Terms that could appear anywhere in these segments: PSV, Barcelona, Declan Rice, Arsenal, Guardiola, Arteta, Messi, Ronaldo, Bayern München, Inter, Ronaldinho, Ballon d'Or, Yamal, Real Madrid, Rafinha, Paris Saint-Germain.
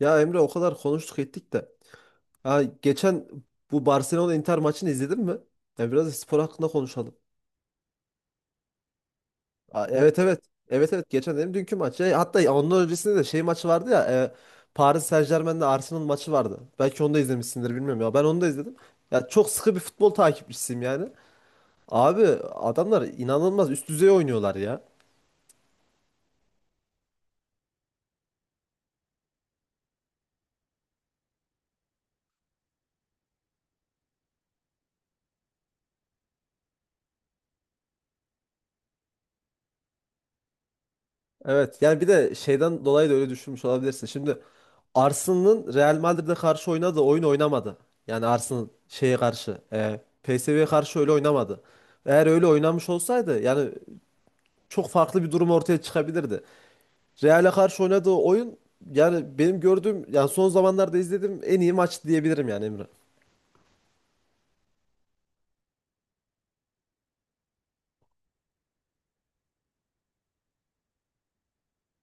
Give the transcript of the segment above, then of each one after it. Ya Emre o kadar konuştuk ettik de. Ha, geçen bu Barcelona Inter maçını izledin mi? Ya biraz da spor hakkında konuşalım. Ha, evet evet. Evet evet geçen dedim dünkü maç. Ya, hatta ondan öncesinde de şey maçı vardı ya. Paris Saint-Germain'le Arsenal maçı vardı. Belki onu da izlemişsindir bilmiyorum ya. Ben onu da izledim. Ya çok sıkı bir futbol takipçisiyim yani. Abi adamlar inanılmaz üst düzey oynuyorlar ya. Evet yani bir de şeyden dolayı da öyle düşünmüş olabilirsin. Şimdi Arsenal'ın Real Madrid'e karşı oynadığı oyun oynamadı. Yani Arsenal şeye karşı, PSV'ye karşı öyle oynamadı. Eğer öyle oynamış olsaydı yani çok farklı bir durum ortaya çıkabilirdi. Real'e karşı oynadığı oyun yani benim gördüğüm yani son zamanlarda izlediğim en iyi maç diyebilirim yani Emre.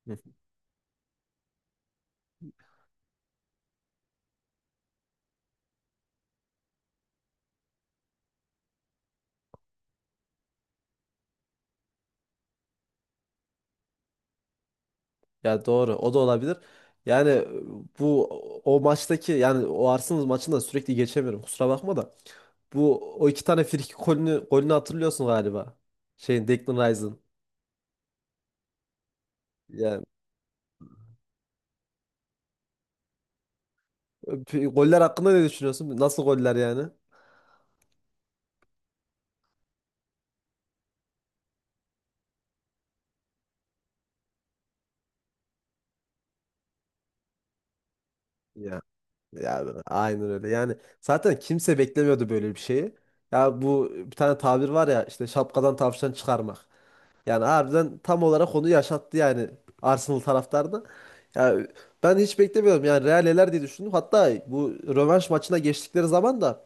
Hı. Ya doğru o da olabilir. Yani bu o maçtaki yani o Arsenal maçında sürekli geçemiyorum, kusura bakma da. Bu o iki tane frikik golünü, golünü hatırlıyorsun galiba. Şeyin Declan Rice'ın. Ya goller hakkında ne düşünüyorsun? Nasıl goller yani? Ya Ya aynen öyle. Yani zaten kimse beklemiyordu böyle bir şeyi. Ya bu, bir tane tabir var ya işte, şapkadan tavşan çıkarmak. Yani harbiden tam olarak onu yaşattı yani Arsenal taraftarına. Yani ben hiç beklemiyordum. Yani Real eler diye düşündüm. Hatta bu rövanş maçına geçtikleri zaman da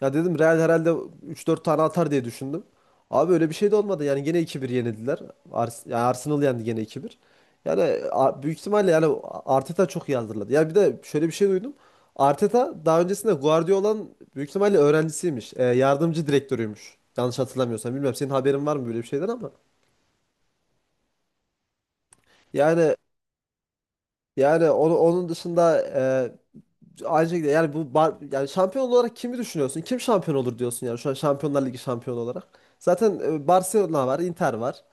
ya dedim Real herhalde üç dört tane atar diye düşündüm. Abi öyle bir şey de olmadı. Yani gene iki bir yenildiler. Yani Arsenal yendi gene iki bir. Yani büyük ihtimalle yani Arteta çok iyi hazırladı. Yani bir de şöyle bir şey duydum. Arteta daha öncesinde Guardiola'nın büyük ihtimalle öğrencisiymiş. Yardımcı direktörüymüş. Yanlış hatırlamıyorsam. Bilmiyorum senin haberin var mı böyle bir şeyden ama. Yani onu, onun dışında aynı şekilde yani bu yani şampiyon olarak kimi düşünüyorsun? Kim şampiyon olur diyorsun yani şu an Şampiyonlar Ligi şampiyonu olarak. Zaten Barcelona var, Inter var.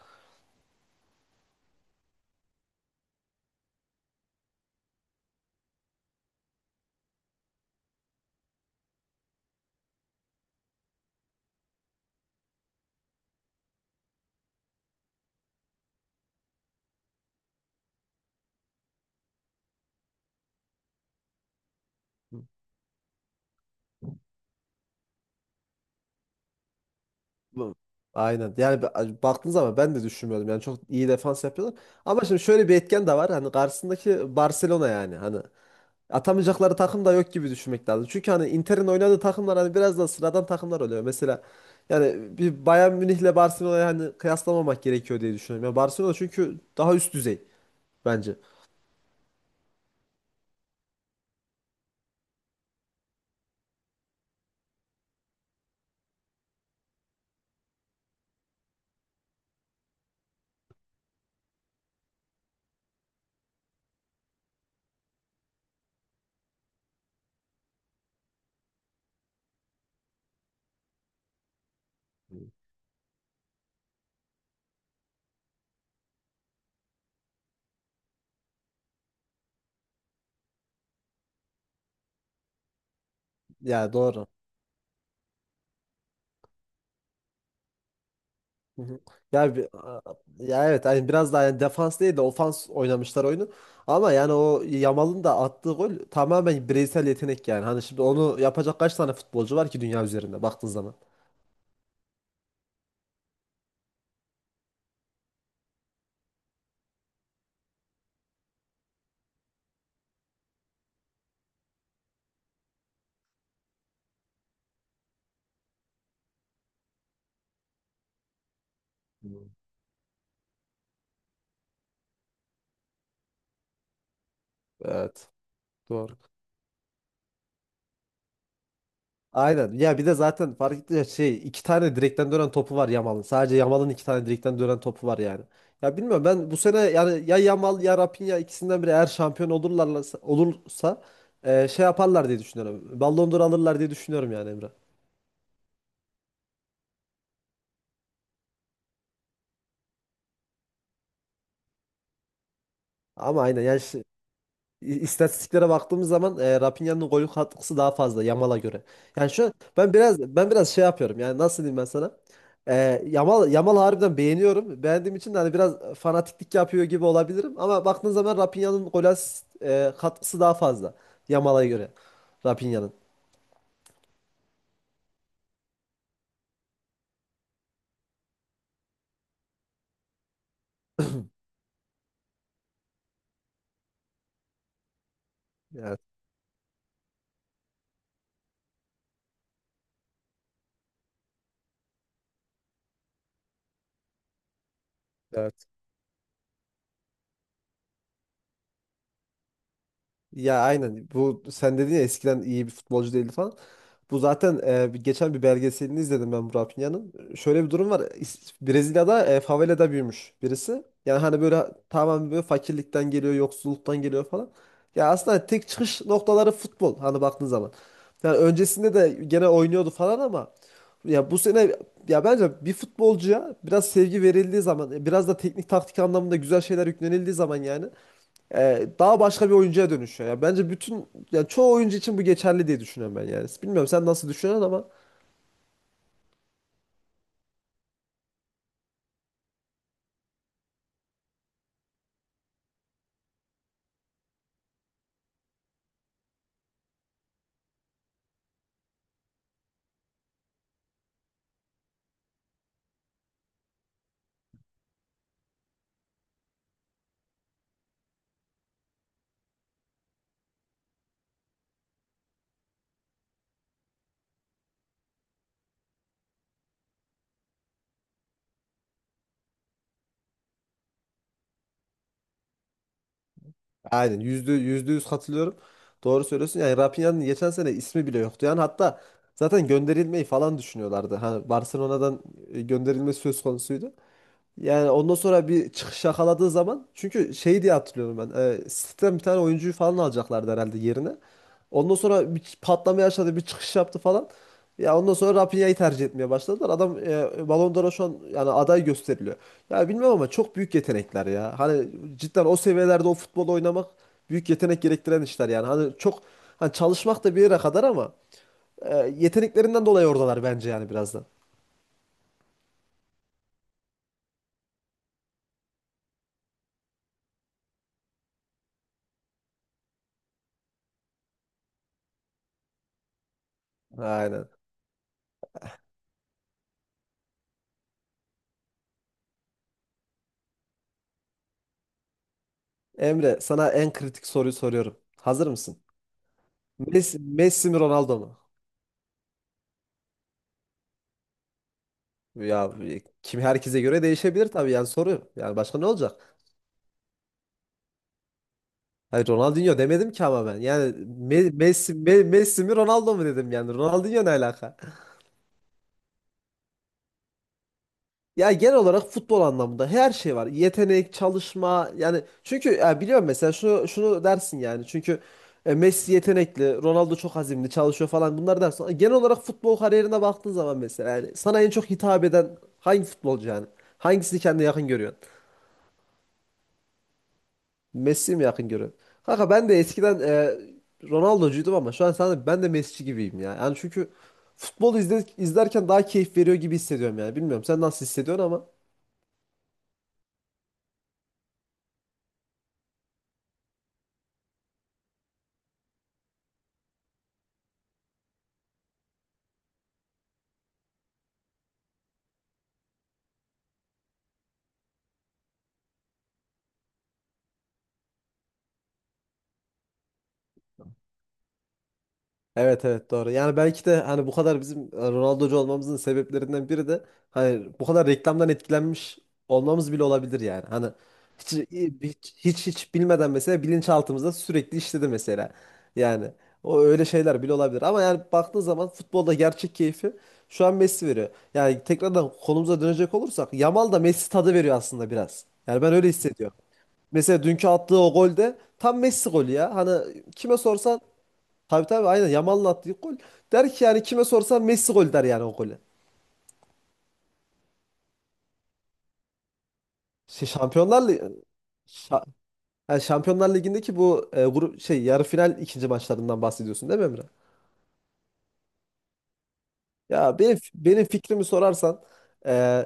Bu- Aynen. Yani baktığın zaman ben de düşünmüyordum. Yani çok iyi defans yapıyorlar. Ama şimdi şöyle bir etken de var. Hani karşısındaki Barcelona yani. Hani atamayacakları takım da yok gibi düşünmek lazım. Çünkü hani Inter'in oynadığı takımlar hani biraz da sıradan takımlar oluyor. Mesela yani bir Bayern Münih'le Barcelona'yı hani kıyaslamamak gerekiyor diye düşünüyorum. Ya Barcelona çünkü daha üst düzey bence. Ya doğru. Hı hı. Ya bir, ya evet hani biraz daha yani defans değil de ofans oynamışlar oyunu. Ama yani o Yamal'ın da attığı gol tamamen bireysel yetenek yani. Hani şimdi onu yapacak kaç tane futbolcu var ki dünya üzerinde baktığın zaman. Hı. Evet. Doğru. Aynen. Ya bir de zaten fark etti ya şey, iki tane direkten dönen topu var Yamal'ın. Sadece Yamal'ın iki tane direkten dönen topu var yani. Ya bilmiyorum, ben bu sene yani ya Yamal ya Rafinha ikisinden biri eğer şampiyon olurlarsa şey yaparlar diye düşünüyorum. Ballon d'Or alırlar diye düşünüyorum yani Emre. Ama aynen yani şey, istatistiklere baktığımız zaman Rafinha'nın gol katkısı daha fazla Yamal'a göre. Yani şu an ben biraz şey yapıyorum. Yani nasıl diyeyim ben sana? Yamal harbiden beğeniyorum. Beğendiğim için de hani biraz fanatiklik yapıyor gibi olabilirim ama baktığın zaman Rafinha'nın gol asist katkısı daha fazla Yamal'a göre. Rafinha'nın. Yani. Evet. Ya aynen, bu sen dedin ya eskiden iyi bir futbolcu değildi falan. Bu zaten geçen bir belgeselini izledim ben Burak Pinya'nın. Şöyle bir durum var. Brezilya'da favelada büyümüş birisi. Yani hani böyle tamamen böyle fakirlikten geliyor, yoksulluktan geliyor falan. Ya aslında tek çıkış noktaları futbol hani baktığın zaman. Yani öncesinde de gene oynuyordu falan ama ya bu sene ya bence bir futbolcuya biraz sevgi verildiği zaman, biraz da teknik taktik anlamında güzel şeyler yüklenildiği zaman yani daha başka bir oyuncuya dönüşüyor. Yani bence bütün yani çoğu oyuncu için bu geçerli diye düşünüyorum ben yani. Bilmiyorum sen nasıl düşünüyorsun ama aynen, yüzde yüz katılıyorum. Doğru söylüyorsun. Yani Rafinha'nın geçen sene ismi bile yoktu. Yani hatta zaten gönderilmeyi falan düşünüyorlardı. Hani Barcelona'dan gönderilme söz konusuydu. Yani ondan sonra bir çıkış yakaladığı zaman çünkü şey diye hatırlıyorum ben. City'den bir tane oyuncuyu falan alacaklardı herhalde yerine. Ondan sonra bir patlama yaşadı, bir çıkış yaptı falan. Ya ondan sonra Rafinha'yı tercih etmeye başladılar. Adam Ballon d'Or'a şu an yani aday gösteriliyor. Ya bilmem ama çok büyük yetenekler ya. Hani cidden o seviyelerde o futbol oynamak büyük yetenek gerektiren işler yani. Hani çok çalışmak da bir yere kadar ama yeteneklerinden dolayı oradalar bence yani biraz da. Aynen. Emre, sana en kritik soruyu soruyorum. Hazır mısın? Messi mi Ronaldo mu? Ya kim, herkese göre değişebilir tabii yani soru. Yani başka ne olacak? Hayır Ronaldinho demedim ki ama ben. Yani Messi, Messi mi Ronaldo mu dedim yani. Ronaldinho ne alaka? Ya genel olarak futbol anlamında her şey var. Yetenek, çalışma yani çünkü ya biliyorum mesela şunu şunu dersin yani. Çünkü Messi yetenekli, Ronaldo çok azimli, çalışıyor falan bunlar dersin. Ama genel olarak futbol kariyerine baktığın zaman mesela yani sana en çok hitap eden hangi futbolcu yani? Hangisini kendine yakın görüyorsun? Messi mi yakın görüyorsun? Kanka ben de eskiden Ronaldo'cuydum ama şu an sana ben de Messi'ci gibiyim ya. Yani çünkü futbolu izlerken daha keyif veriyor gibi hissediyorum yani. Bilmiyorum sen nasıl hissediyorsun ama evet evet, doğru. Yani belki de hani bu kadar bizim Ronaldo'cu olmamızın sebeplerinden biri de hani bu kadar reklamdan etkilenmiş olmamız bile olabilir yani. Hani hiç hiç bilmeden mesela bilinçaltımızda sürekli işledi mesela. Yani o öyle şeyler bile olabilir ama yani baktığın zaman futbolda gerçek keyfi şu an Messi veriyor. Yani tekrardan konumuza dönecek olursak Yamal da Messi tadı veriyor aslında biraz. Yani ben öyle hissediyorum. Mesela dünkü attığı o golde tam Messi golü ya. Hani kime sorsan, tabii tabii aynen Yamal'ın attığı gol. Der ki yani kime sorsan Messi gol der yani o golü. Şey, Şampiyonlar Ligi, Şa- yani Şampiyonlar Ligi'ndeki bu grup şey yarı final ikinci maçlarından bahsediyorsun değil mi Emre? Ya benim fikrimi sorarsan e,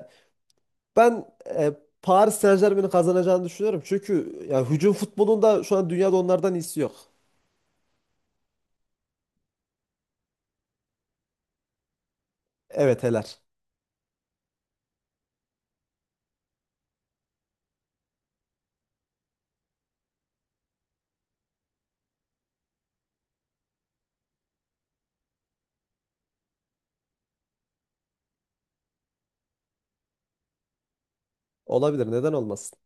ben Paris Saint-Germain'in kazanacağını düşünüyorum. Çünkü ya hücum futbolunda şu an dünyada onlardan iyisi yok. Evet heler. Olabilir, neden olmasın?